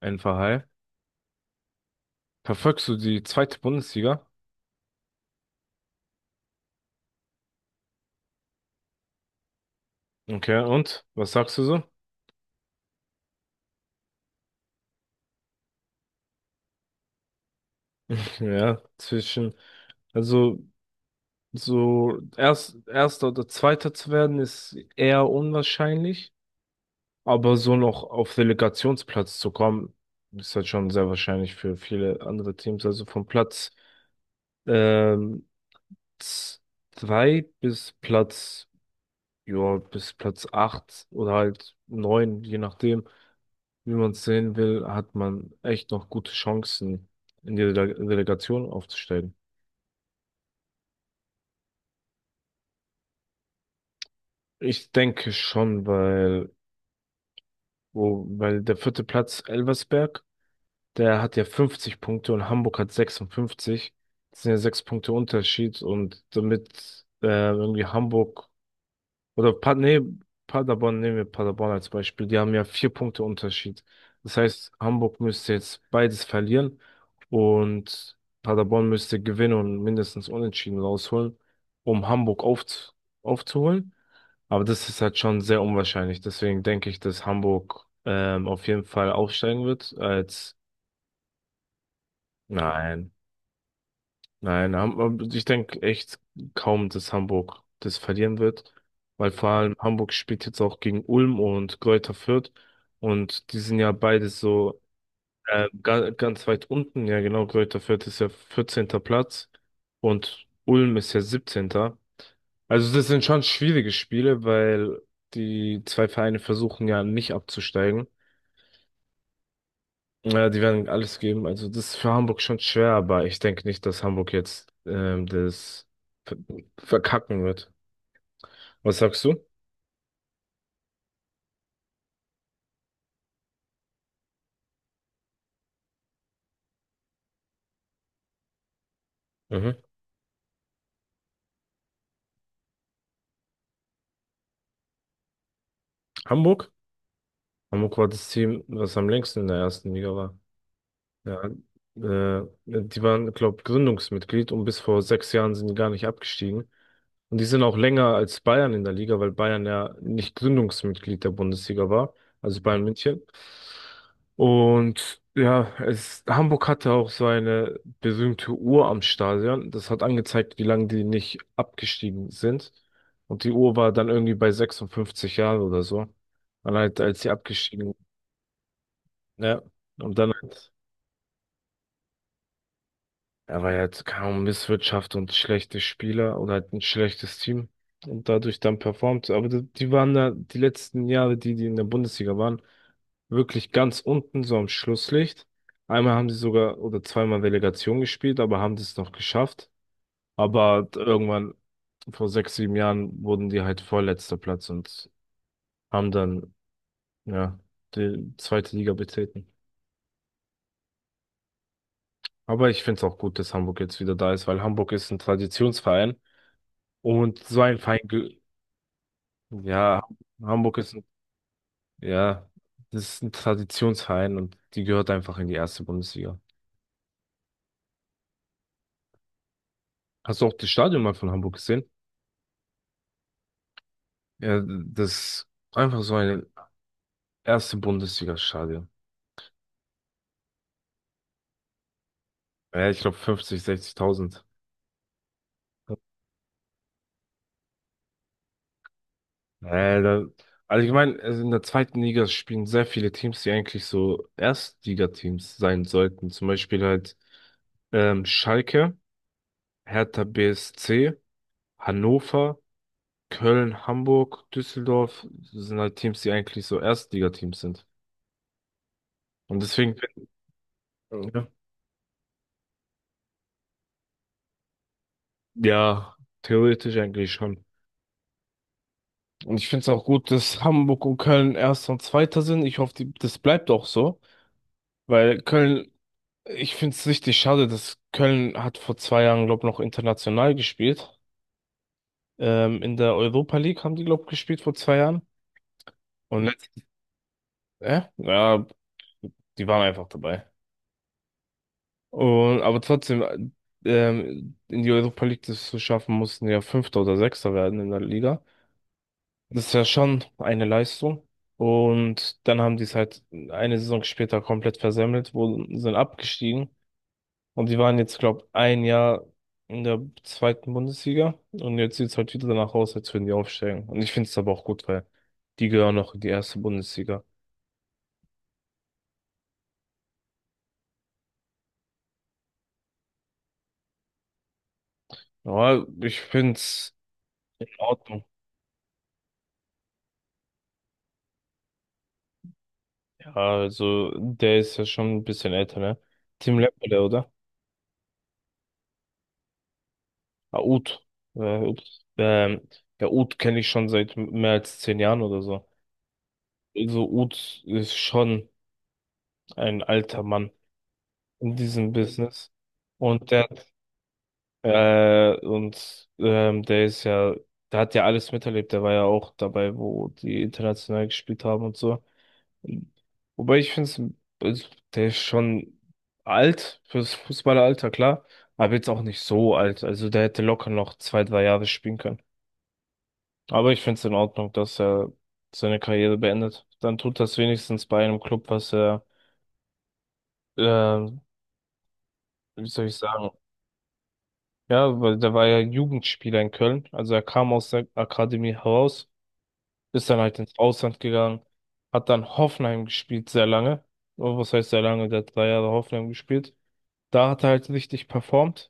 Ein Verhall. Verfolgst du die zweite Bundesliga? Okay, und was sagst du so? Ja, also so erster oder zweiter zu werden ist eher unwahrscheinlich, aber so noch auf Relegationsplatz zu kommen, ist halt schon sehr wahrscheinlich für viele andere Teams. Also vom Platz ähm, z- zwei bis Platz, ja, bis Platz acht oder halt neun, je nachdem, wie man es sehen will, hat man echt noch gute Chancen, in die Delegation aufzusteigen. Ich denke schon, weil der vierte Platz Elversberg, der hat ja 50 Punkte und Hamburg hat 56. Das sind ja sechs Punkte Unterschied und damit irgendwie Hamburg. Oder Paderborn, nehmen wir Paderborn als Beispiel. Die haben ja vier Punkte Unterschied. Das heißt, Hamburg müsste jetzt beides verlieren und Paderborn müsste gewinnen und mindestens unentschieden rausholen, um Hamburg aufzuholen. Aber das ist halt schon sehr unwahrscheinlich. Deswegen denke ich, dass Hamburg auf jeden Fall aufsteigen wird, als, nein. Nein, ich denke echt kaum, dass Hamburg das verlieren wird, weil vor allem Hamburg spielt jetzt auch gegen Ulm und Greuther Fürth und die sind ja beide so ganz weit unten. Ja, genau, Greuther Fürth ist ja 14. Platz und Ulm ist ja siebzehnter. Also das sind schon schwierige Spiele, weil die zwei Vereine versuchen ja nicht abzusteigen. Ja, die werden alles geben. Also das ist für Hamburg schon schwer, aber ich denke nicht, dass Hamburg jetzt das ver- verkacken wird. Was sagst du? Mhm. Hamburg? Hamburg war das Team, was am längsten in der ersten Liga war. Ja, die waren, glaube, Gründungsmitglied und bis vor 6 Jahren sind die gar nicht abgestiegen. Und die sind auch länger als Bayern in der Liga, weil Bayern ja nicht Gründungsmitglied der Bundesliga war, also Bayern München. Und ja, Hamburg hatte auch so eine berühmte Uhr am Stadion. Das hat angezeigt, wie lange die nicht abgestiegen sind. Und die Uhr war dann irgendwie bei 56 Jahren oder so. Dann halt, als sie abgestiegen, ja. Und dann halt. Aber er hat kaum Misswirtschaft und schlechte Spieler oder halt ein schlechtes Team und dadurch dann performt. Aber die, die waren da die letzten Jahre, die, die in der Bundesliga waren, wirklich ganz unten, so am Schlusslicht. Einmal haben sie sogar oder zweimal Relegation gespielt, aber haben das noch geschafft. Aber halt irgendwann vor 6, 7 Jahren wurden die halt vorletzter Platz und haben dann, ja, die zweite Liga betreten. Aber ich finde es auch gut, dass Hamburg jetzt wieder da ist, weil Hamburg ist ein Traditionsverein. Und so ein Verein, ja, Hamburg ist, ja, das ist ein Traditionsverein und die gehört einfach in die erste Bundesliga. Hast du auch das Stadion mal von Hamburg gesehen? Ja, das ist einfach so ein erste Bundesliga-Stadion. Ja, ich glaube 50, 60.000. Äh, da, also ich meine, also in der zweiten Liga spielen sehr viele Teams, die eigentlich so Erstligateams sein sollten. Zum Beispiel halt Schalke, Hertha BSC, Hannover, Köln, Hamburg, Düsseldorf sind halt Teams, die eigentlich so Erstligateams sind. Und deswegen, ja. Ja, theoretisch eigentlich schon. Und ich finde es auch gut, dass Hamburg und Köln Erster und Zweiter sind. Ich hoffe, das bleibt auch so, weil Köln, ich finde es richtig schade, dass Köln hat vor 2 Jahren, glaube ich, noch international gespielt. In der Europa League haben die, glaube ich, gespielt vor 2 Jahren. Und letztes, ja, die waren einfach dabei. Aber trotzdem, in die Europa League das zu schaffen, mussten ja Fünfter oder Sechster werden in der Liga. Das ist ja schon eine Leistung. Und dann haben die es halt eine Saison später komplett versemmelt, sind abgestiegen. Und die waren jetzt, glaube, ein Jahr in der zweiten Bundesliga. Und jetzt sieht es halt wieder danach aus, als würden die aufsteigen. Und ich finde es aber auch gut, weil die gehören noch in die erste Bundesliga. Ja, ich finde es in Ordnung. Also, der ist ja schon ein bisschen älter, ne? Tim Lemperle, oder? Ah, Ut. Ut. Ähm, ja, Ut kenne ich schon seit mehr als 10 Jahren oder so. Also, Ut ist schon ein alter Mann in diesem Business. Und der, und der ist ja, der hat ja alles miterlebt. Der war ja auch dabei, wo die international gespielt haben und so. Wobei ich finde es, der ist schon alt fürs Fußballeralter, klar, aber jetzt auch nicht so alt. Also der hätte locker noch 2, 3 Jahre spielen können. Aber ich finde es in Ordnung, dass er seine Karriere beendet. Dann tut das wenigstens bei einem Club, was er, ähm, wie soll ich sagen? Ja, weil der war ja Jugendspieler in Köln. Also er kam aus der Akademie heraus, ist dann halt ins Ausland gegangen, hat dann Hoffenheim gespielt sehr lange. Oh, was heißt sehr lange? Der hat 3 Jahre Hoffenheim gespielt. Da hat er halt richtig performt.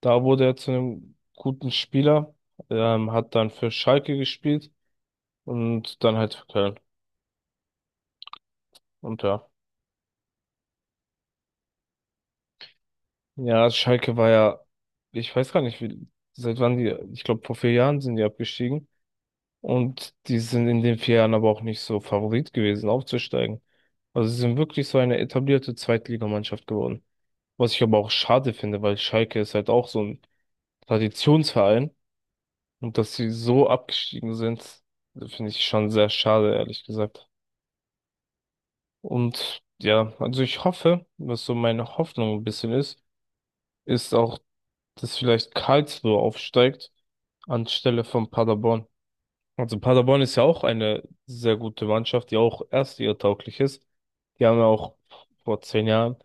Da wurde er zu einem guten Spieler, hat dann für Schalke gespielt und dann halt für Köln. Und ja. Ja, Schalke war ja, ich weiß gar nicht, wie, seit wann die, ich glaube, vor 4 Jahren sind die abgestiegen. Und die sind in den 4 Jahren aber auch nicht so Favorit gewesen, aufzusteigen. Also sie sind wirklich so eine etablierte Zweitligamannschaft geworden. Was ich aber auch schade finde, weil Schalke ist halt auch so ein Traditionsverein. Und dass sie so abgestiegen sind, finde ich schon sehr schade, ehrlich gesagt. Und ja, also ich hoffe, was so meine Hoffnung ein bisschen ist, ist auch, dass vielleicht Karlsruhe aufsteigt anstelle von Paderborn. Also Paderborn ist ja auch eine sehr gute Mannschaft, die auch erstligatauglich ist. Die haben ja auch vor 10 Jahren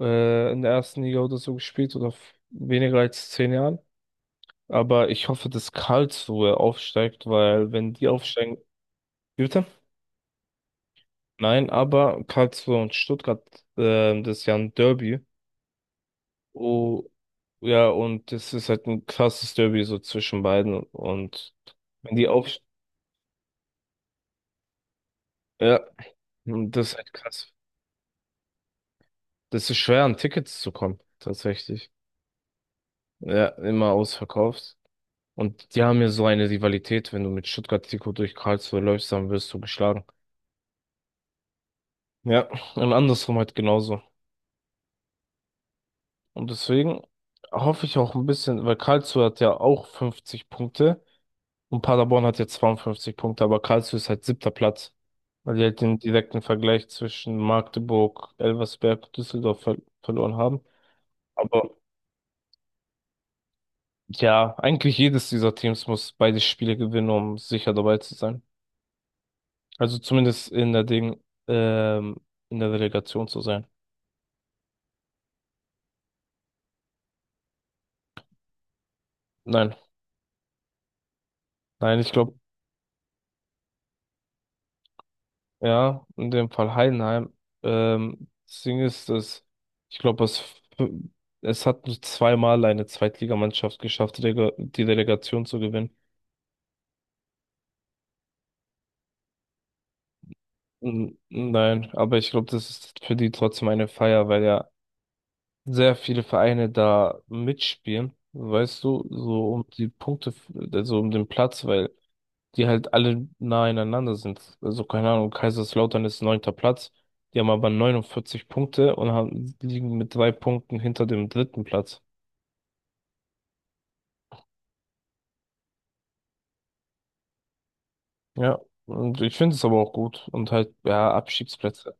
in der ersten Liga oder so gespielt oder weniger als zehn Jahren. Aber ich hoffe, dass Karlsruhe aufsteigt, weil wenn die aufsteigen. Wie bitte? Nein, aber Karlsruhe und Stuttgart, das ist ja ein Derby. Oh, ja, und das ist halt ein krasses Derby so zwischen beiden. Und wenn die auf, ja, und das ist halt krass. Das ist schwer, an Tickets zu kommen, tatsächlich. Ja, immer ausverkauft. Und die haben ja so eine Rivalität, wenn du mit Stuttgart-Trikot durch Karlsruhe läufst, dann wirst du geschlagen. Ja, und andersrum halt genauso. Und deswegen hoffe ich auch ein bisschen, weil Karlsruhe hat ja auch 50 Punkte. Und Paderborn hat jetzt 52 Punkte, aber Karlsruhe ist halt siebter Platz. Weil die halt den direkten Vergleich zwischen Magdeburg, Elversberg und Düsseldorf verloren haben. Aber ja, eigentlich jedes dieser Teams muss beide Spiele gewinnen, um sicher dabei zu sein. Also zumindest in der Ding, ähm, in der Relegation zu sein. Nein, nein, ich glaube. Ja, in dem Fall Heidenheim. Das Ding ist, dass ich glaube, es hat nur zweimal eine Zweitligamannschaft geschafft, die Relegation zu gewinnen. Nein, aber ich glaube, das ist für die trotzdem eine Feier, weil ja sehr viele Vereine da mitspielen, weißt du, so um die Punkte, also um den Platz, weil die halt alle nah einander sind. Also keine Ahnung, Kaiserslautern ist neunter Platz. Die haben aber 49 Punkte und liegen mit 3 Punkten hinter dem dritten Platz. Ja, und ich finde es aber auch gut. Und halt, ja, Abstiegsplätze.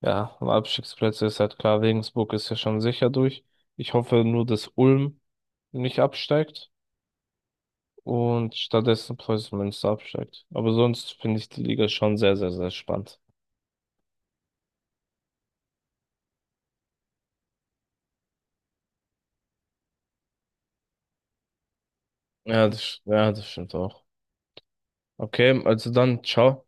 Ja, und Abstiegsplätze ist halt klar. Regensburg ist ja schon sicher durch. Ich hoffe nur, dass Ulm nicht absteigt und stattdessen Preußen Münster absteigt. Aber sonst finde ich die Liga schon sehr, sehr, sehr spannend. Ja, das stimmt auch. Okay, also dann, ciao.